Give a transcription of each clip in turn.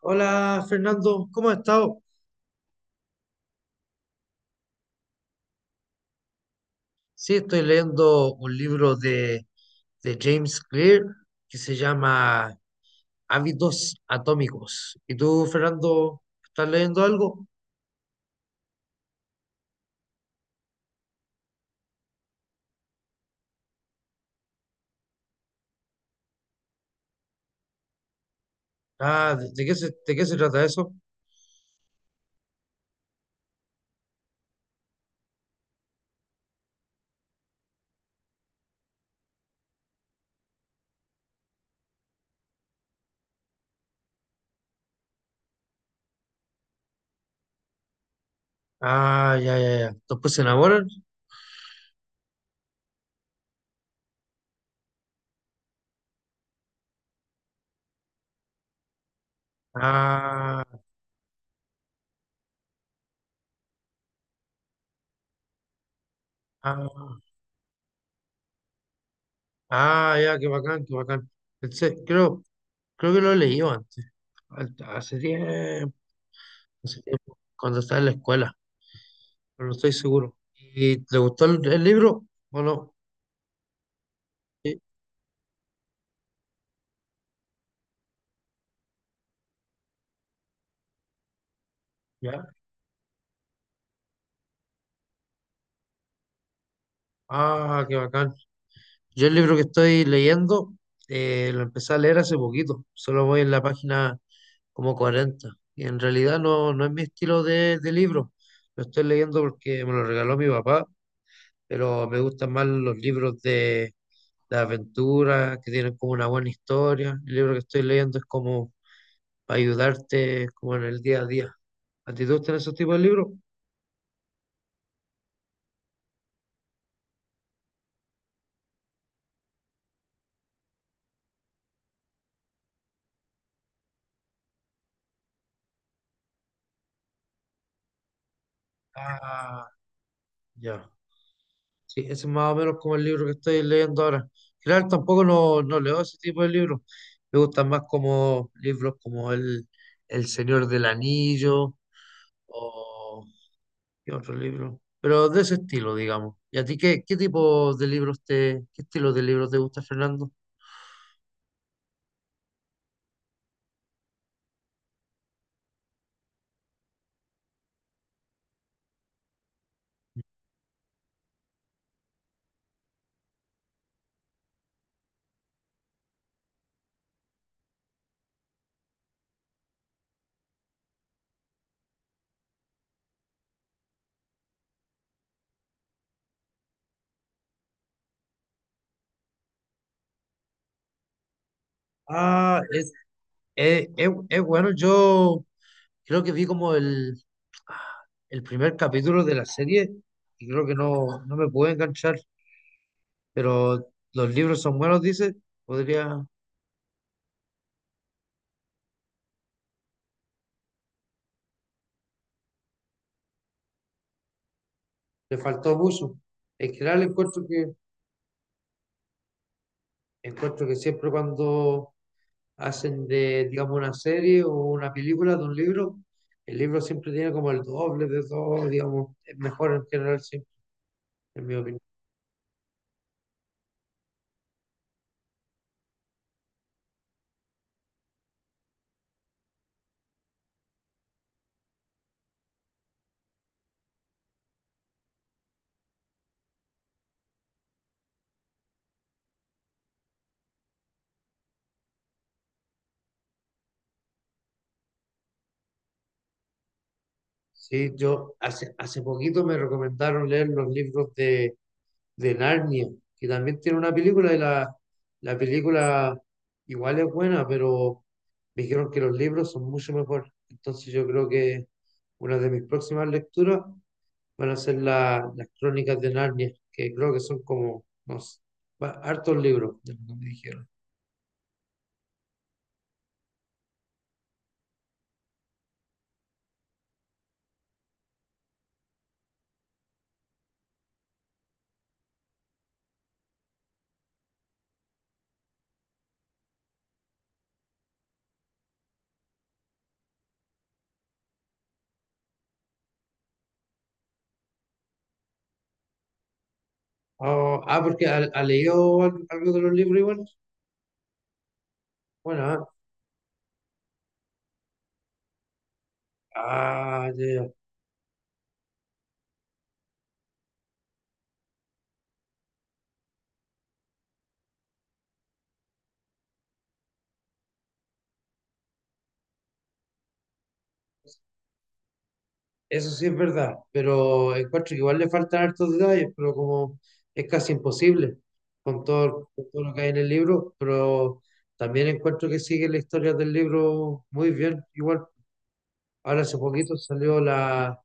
Hola Fernando, ¿cómo has estado? Sí, estoy leyendo un libro de James Clear que se llama Hábitos Atómicos. ¿Y tú, Fernando, estás leyendo algo? Ah, ¿de qué se trata eso? Ah, ya, ya, ya. ¿Después se enamoran? Ah, ah, ah, ya, qué bacán, qué bacán. Pensé- creo, creo que lo he leído antes, hace tiempo, hace tiempo, cuando estaba en la escuela. Pero no estoy seguro. ¿Y te gustó el libro o no? Sí, ya. Ah, qué bacán. Yo el libro que estoy leyendo, lo empecé a leer hace poquito, solo voy en la página como 40. Y en realidad no es mi estilo de libro. Lo estoy leyendo porque me lo regaló mi papá, pero me gustan más los libros de aventura, que tienen como una buena historia. El libro que estoy leyendo es como para ayudarte como en el día a día. ¿A ti te gustan esos tipos de libros? Ah, ya. Sí, ese es más o menos como el libro que estoy leyendo ahora. Claro, tampoco no leo ese tipo de libros. Me gustan más como libros como El Señor del Anillo o ¿qué otro libro? Pero de ese estilo, digamos. ¿Y a ti qué estilo de libros te gusta, Fernando? Ah, es, es bueno. Yo creo que vi como el primer capítulo de la serie y creo que no me pude enganchar. Pero los libros son buenos, dice, podría, le faltó abuso. En general encuentro que siempre cuando hacen de, digamos, una serie o una película de un libro, el libro siempre tiene como el doble de todo, digamos, es mejor en general, sí, en mi opinión. Sí, yo hace poquito me recomendaron leer los libros de, Narnia, que también tiene una película y la película igual es buena, pero me dijeron que los libros son mucho mejor. Entonces yo creo que una de mis próximas lecturas van a ser las crónicas de Narnia, que creo que son como, no sé, hartos libros, de lo que me dijeron. Oh, ah, porque ha leído algo de los libros igual. Bueno, ah, ah, ya, ya. Eso sí es verdad, pero encuentro que igual le faltan hartos detalles, pero como es casi imposible con todo, lo que hay en el libro, pero también encuentro que sigue la historia del libro muy bien, igual. Ahora hace poquito salió la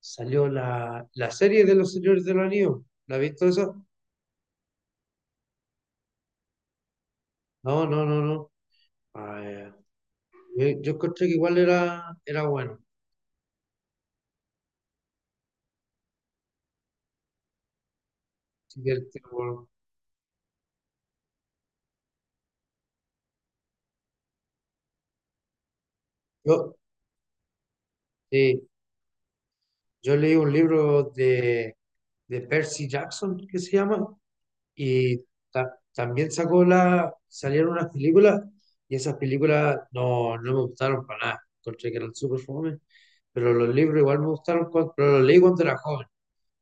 salió la, la serie de los Señores del Anillo. ¿La has visto esa? No, no, no, no. Ah, ya. Yo encontré que igual era bueno. Así el tipo- Yo, sí, yo leí un libro de Percy Jackson que se llama. Y también salieron unas películas y esas películas no me gustaron para nada. Encontré que eran súper fome, pero los libros igual me gustaron, pero los leí cuando era joven.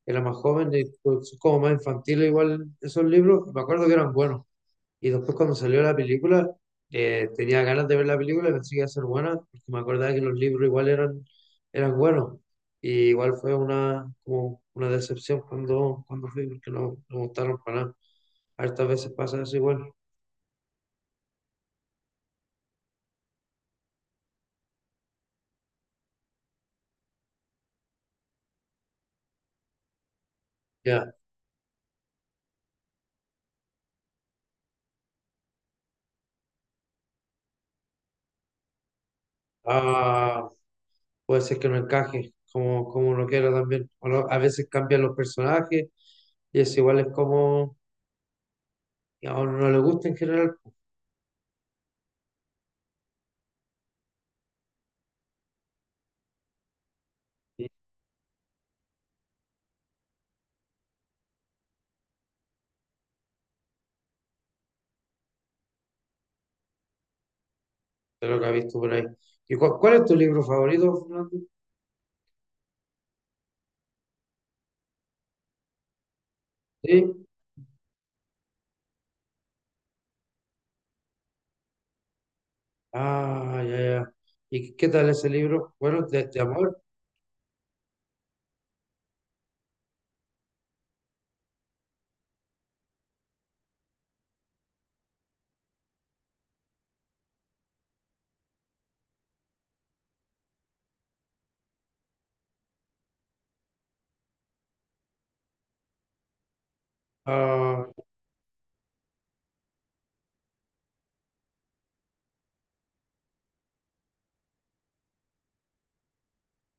Era más joven y pues, como más infantil igual esos libros, me acuerdo que eran buenos. Y después cuando salió la película, tenía ganas de ver la película y pensé que iba a ser buena, porque me acordaba que los libros igual eran buenos. Y igual fue como una decepción cuando fui, porque no me gustaron para nada. Hartas veces pasa eso igual. Ya, ah, puede ser que no encaje como, uno quiera también. O a veces cambian los personajes y es igual es como a uno no le gusta en general, de lo que ha visto por ahí. ¿Y cuál es tu libro favorito, Fernando? Sí. Ah, ya, ya. ¿Y qué tal ese libro? Bueno, de amor. Ah,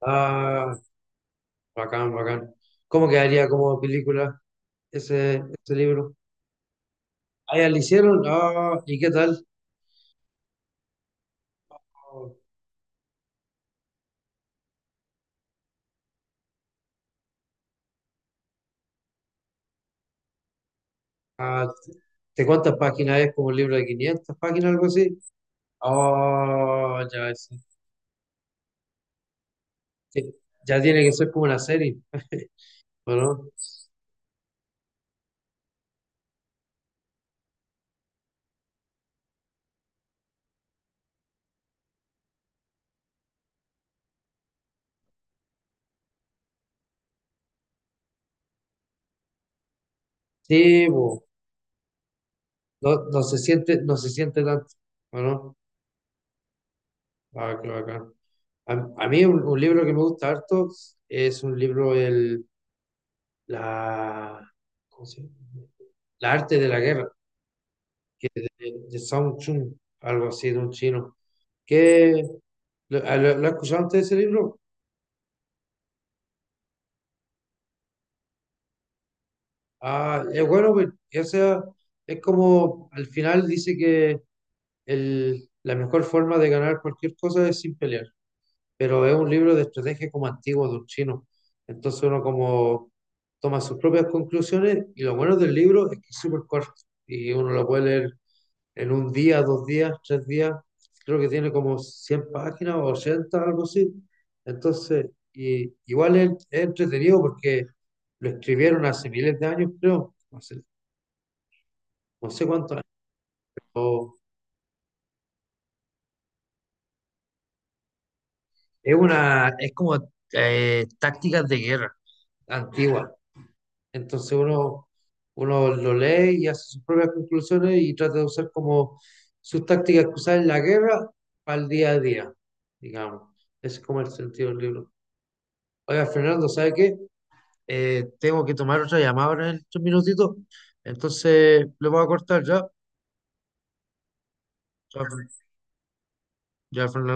ah, bacán, bacán. ¿Cómo quedaría como película ese libro? Ah, ya lo hicieron. Ah, ¿y qué tal? Ah, ¿de cuántas páginas es? ¿Como un libro de 500 páginas, algo así? Ah, ya, sí. Sí, ya tiene que ser como una serie, ¿o no? Sí, po. No, no se siente, no se siente tanto, ¿o no? Ah, qué bacán. A mí un libro que me gusta harto es un libro, la, ¿cómo se llama? La arte de la guerra, que es de, Song Chun, algo así, de un chino. ¿Qué, lo, ah, lo has escuchado antes ese libro? Ah, es bueno, pues, o sea, es como al final dice que la mejor forma de ganar cualquier cosa es sin pelear. Pero es un libro de estrategia como antiguo de un chino. Entonces uno como toma sus propias conclusiones y lo bueno del libro es que es súper corto y uno lo puede leer en un día, 2 días, 3 días. Creo que tiene como 100 páginas o 80, algo así. Entonces, y, igual es entretenido porque lo escribieron hace miles de años, creo, no sé cuántos años. o- Es como tácticas de guerra antigua. Entonces uno lo lee y hace sus propias conclusiones y trata de usar como sus tácticas que usaba en la guerra para el día a día, digamos. Ese es como el sentido del libro. Oiga, Fernando, ¿sabe qué? Tengo que tomar otra llamada ahora en estos minutitos, entonces le voy a cortar ya. Ya, ya Fernando.